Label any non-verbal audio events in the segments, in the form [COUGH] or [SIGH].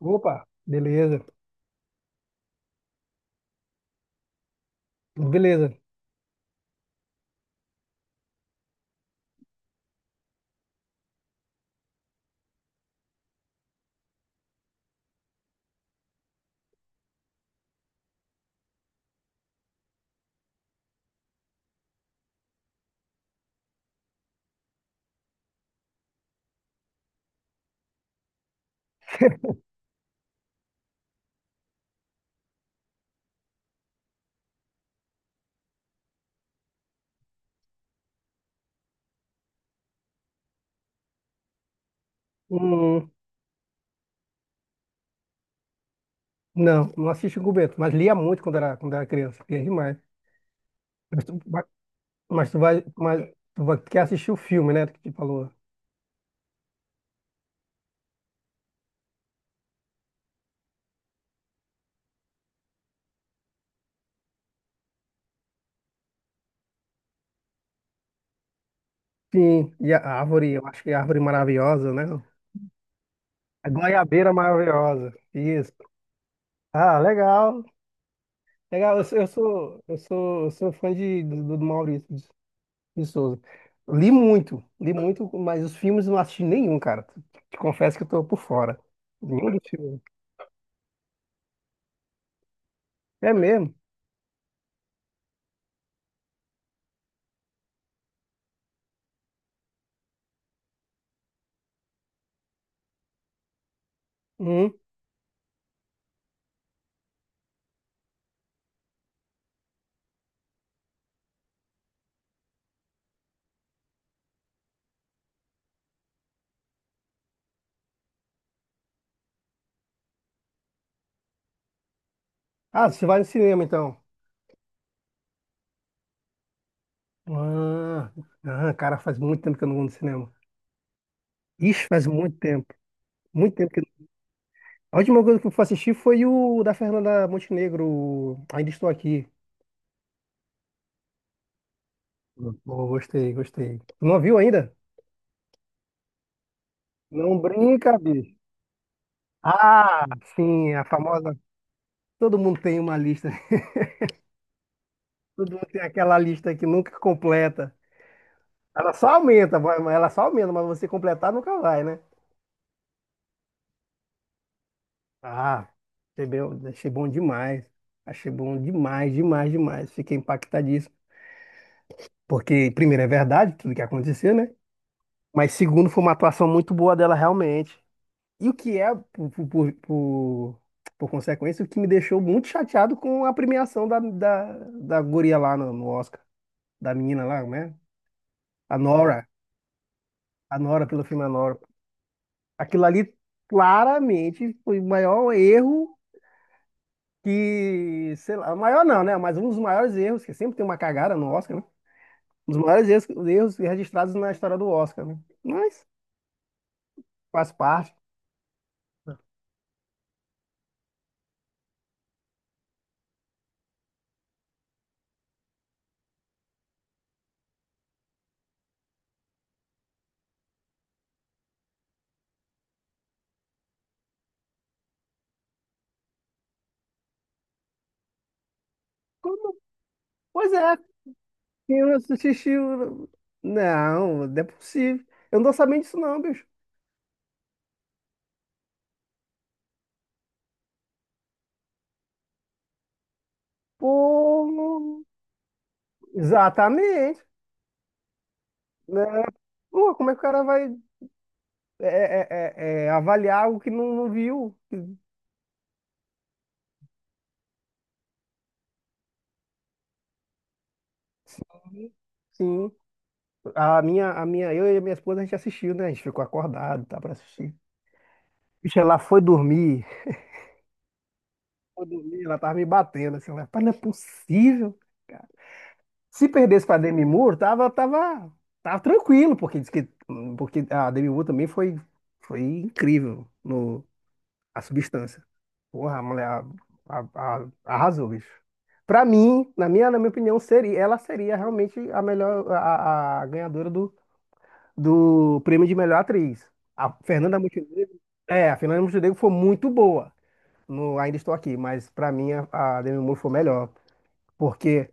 Opa, beleza, beleza. Hum, não, não assisti com o Bento, mas lia muito quando era criança, lia demais. Mas mas tu vai, quer assistir o filme, né, que te falou. Sim, e a árvore, eu acho que é a árvore maravilhosa, né? A goiabeira maravilhosa, isso. Ah, legal, legal, eu sou fã do Maurício de Souza. Li muito, mas os filmes não assisti nenhum, cara. Te confesso que eu tô por fora. Nenhum dos filmes. É mesmo? Hum. Ah, você vai no cinema então. Ah, ah, cara, faz muito tempo que eu não vou no cinema. Ixi, faz muito tempo. Muito tempo que. A última coisa que eu fui assistir foi o da Fernanda Montenegro, o Ainda Estou Aqui. Pô, gostei. Não viu ainda? Não brinca, bicho. Ah, sim, a famosa. Todo mundo tem uma lista. [LAUGHS] Todo mundo tem aquela lista que nunca completa. Ela só ela só aumenta, mas você completar nunca vai, né? Ah, achei bom demais. Achei bom demais, demais, demais. Fiquei impactadíssimo. Porque, primeiro, é verdade tudo que aconteceu, né? Mas, segundo, foi uma atuação muito boa dela, realmente. E o que é, por consequência, o que me deixou muito chateado com a premiação da guria lá no Oscar. Da menina lá, né? A Nora. A Nora, pelo filme A Nora. Aquilo ali, claramente, foi o maior erro que, sei lá, maior não, né? Mas um dos maiores erros, que sempre tem uma cagada no Oscar, né? Um dos maiores erros registrados na história do Oscar, né? Mas faz parte. Como? Pois é, eu assisti. o- não, não é possível. Eu não tô sabendo disso, não, bicho. Pô, exatamente. Né? Pô, como é que o cara vai é, é, avaliar algo que não, não viu? Sim, sim. A minha, eu e a minha esposa, a gente assistiu, né? A gente ficou acordado, tá, pra assistir. Bicho, ela foi dormir. Foi dormir, ela tava me batendo. Assim, eu, rapaz, não é possível, cara. Se perdesse pra Demi Moore, tava tranquilo, porque diz que, porque a Demi Moore também foi incrível no A Substância. Porra, a mulher arrasou, bicho. Pra mim, na minha opinião, seria, ela seria realmente a melhor, a ganhadora do, do prêmio de melhor atriz. A Fernanda Montenegro, é, a Fernanda Montenegro foi muito boa no Ainda Estou Aqui, mas para mim a Demi Moore foi melhor, porque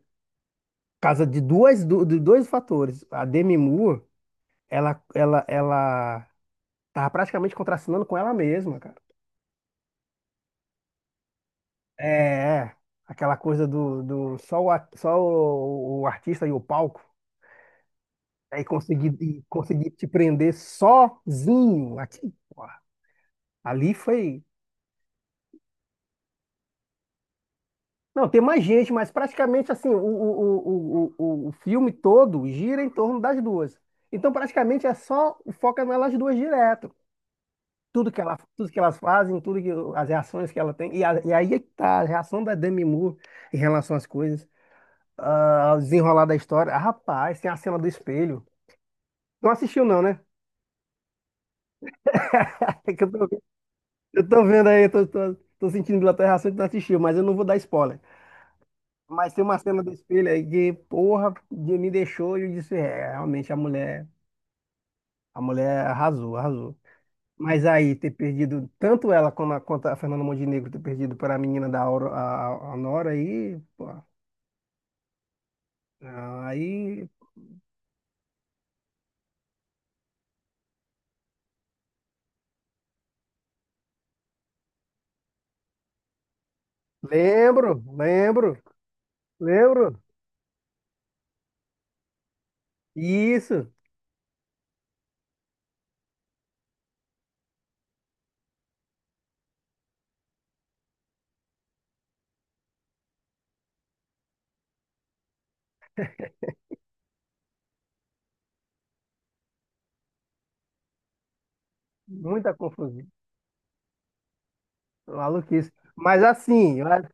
por causa de dois fatores. A Demi Moore, ela tava praticamente contracenando com ela mesma, cara. É, é. Aquela coisa do só o artista e o palco, aí conseguir te prender sozinho aqui, porra. Ali foi Não, tem mais gente, mas praticamente assim, o filme todo gira em torno das duas. Então, praticamente é só foca nelas duas direto. Tudo que ela, tudo que elas fazem, tudo que as reações que ela tem. E, e aí é que tá a reação da Demi Moore em relação às coisas, ah, ao desenrolar da história. Ah, rapaz, tem a cena do espelho. Não assistiu, não, né? [LAUGHS] É que eu tô, eu tô vendo aí, eu tô, tô, tô sentindo pela tua reação que tu não assistiu, mas eu não vou dar spoiler. Mas tem uma cena do espelho aí que, porra, me deixou e eu disse, é, realmente a mulher arrasou, arrasou. Mas aí ter perdido tanto ela como quanto a Fernanda Montenegro ter perdido para a menina da a Nora aí, pô, aí lembro, lembro, lembro. Isso, muita confusão, maluquice. Mas assim, mas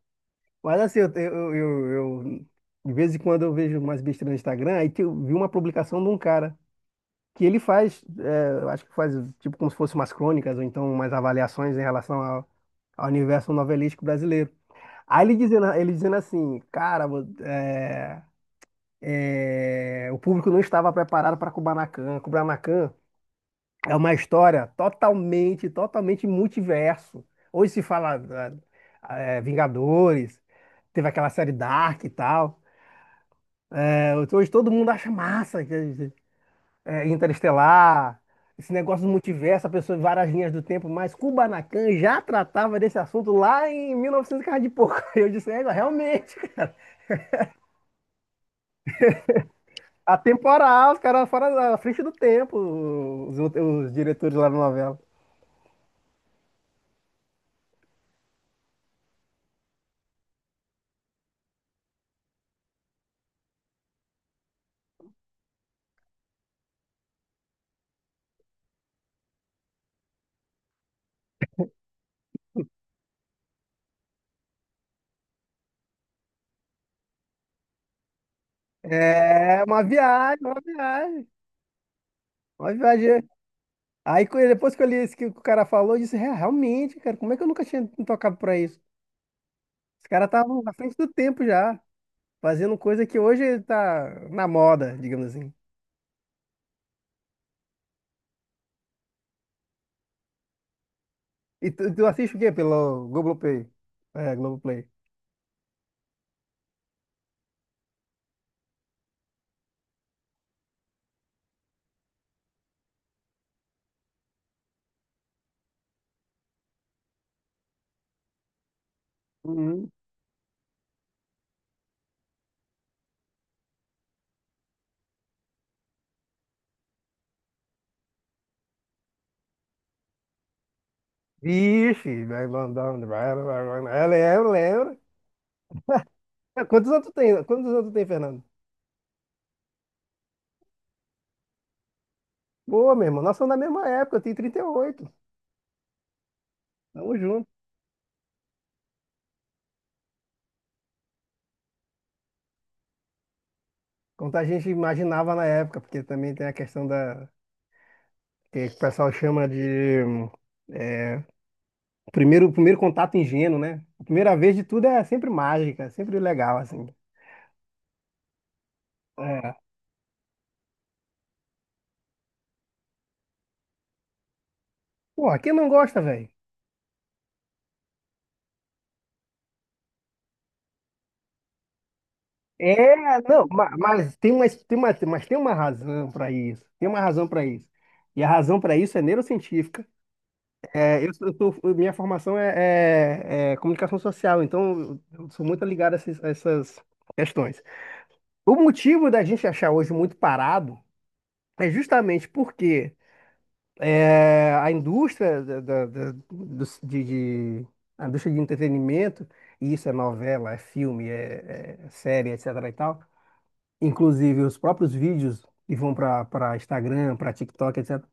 mas assim, eu- De vez em quando eu vejo umas besteiras no Instagram, aí que eu vi uma publicação de um cara que ele faz, é, eu acho que faz tipo como se fossem umas crônicas ou então umas avaliações em relação ao, ao universo novelístico brasileiro. Aí ele dizendo assim, cara, é, o público não estava preparado para Kubanacan. Kubanacan é uma história totalmente, totalmente multiverso. Hoje se fala é, é, Vingadores, teve aquela série Dark e tal. É, hoje todo mundo acha massa. É, Interestelar, esse negócio do multiverso, a pessoa em várias linhas do tempo, mas Kubanacan já tratava desse assunto lá em 1900 e novecentos e cara de pouco. [LAUGHS] Eu disse, é, realmente, [LAUGHS] atemporal, os caras fora da frente do tempo, os diretores lá na novela. É uma viagem, uma viagem. Aí depois que eu li isso que o cara falou, eu disse: "É, realmente, cara, como é que eu nunca tinha me tocado pra isso? Os caras estavam à frente do tempo já, fazendo coisa que hoje tá na moda, digamos assim. E tu, tu assiste o quê pelo Globoplay? É, Globoplay. Uhum. Vixe, vai mandando. Vai. Eu lembro, lembro. É, quantos anos tu tem? Quantos anos tu tem, Fernando? Boa, meu irmão. Nós somos da mesma época, eu tenho 38. Tamo junto. Quanto a gente imaginava na época, porque também tem a questão da. Que o pessoal chama de. Hum, é, primeiro contato ingênuo, né? A primeira vez de tudo é sempre mágica, é sempre legal, assim. É. Pô, quem não gosta, velho? É, não, mas tem uma, mas tem uma razão para isso. Tem uma razão para isso. E a razão para isso é neurocientífica. É, minha formação é comunicação social, então eu sou muito ligado a a essas questões. O motivo da gente achar hoje muito parado é justamente porque é, a indústria de- a indústria de entretenimento, e isso é novela, é filme, é, é série, etc. e tal, inclusive os próprios vídeos que vão para Instagram, para TikTok, etc.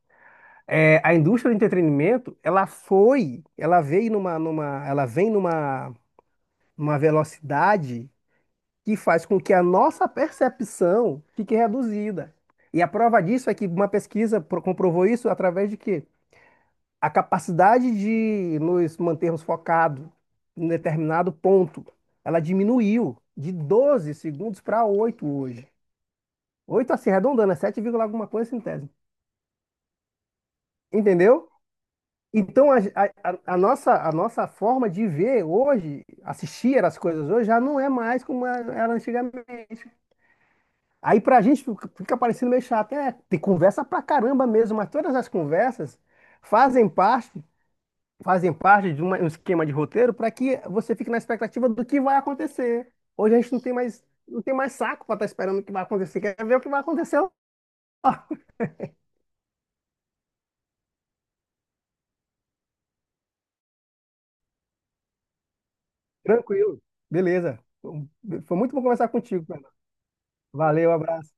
É, a indústria do entretenimento, ela veio numa, numa, ela vem numa, numa velocidade que faz com que a nossa percepção fique reduzida. E a prova disso é que uma pesquisa comprovou isso através de quê? A capacidade de nos mantermos focados em determinado ponto, ela diminuiu de 12 segundos para 8 hoje. 8 assim, arredondando, é 7 vírgula alguma coisa centésimo. Entendeu? Então, a nossa forma de ver hoje, assistir as coisas hoje, já não é mais como é, era antigamente. Aí, pra gente, fica parecendo meio chato. É, tem conversa pra caramba mesmo, mas todas as conversas fazem parte, fazem parte de um esquema de roteiro para que você fique na expectativa do que vai acontecer. Hoje a gente não tem mais, não tem mais saco pra estar esperando o que vai acontecer. Quer ver o que vai acontecer lá. Tranquilo. Beleza. Foi muito bom conversar contigo, Fernando. Valeu, abraço.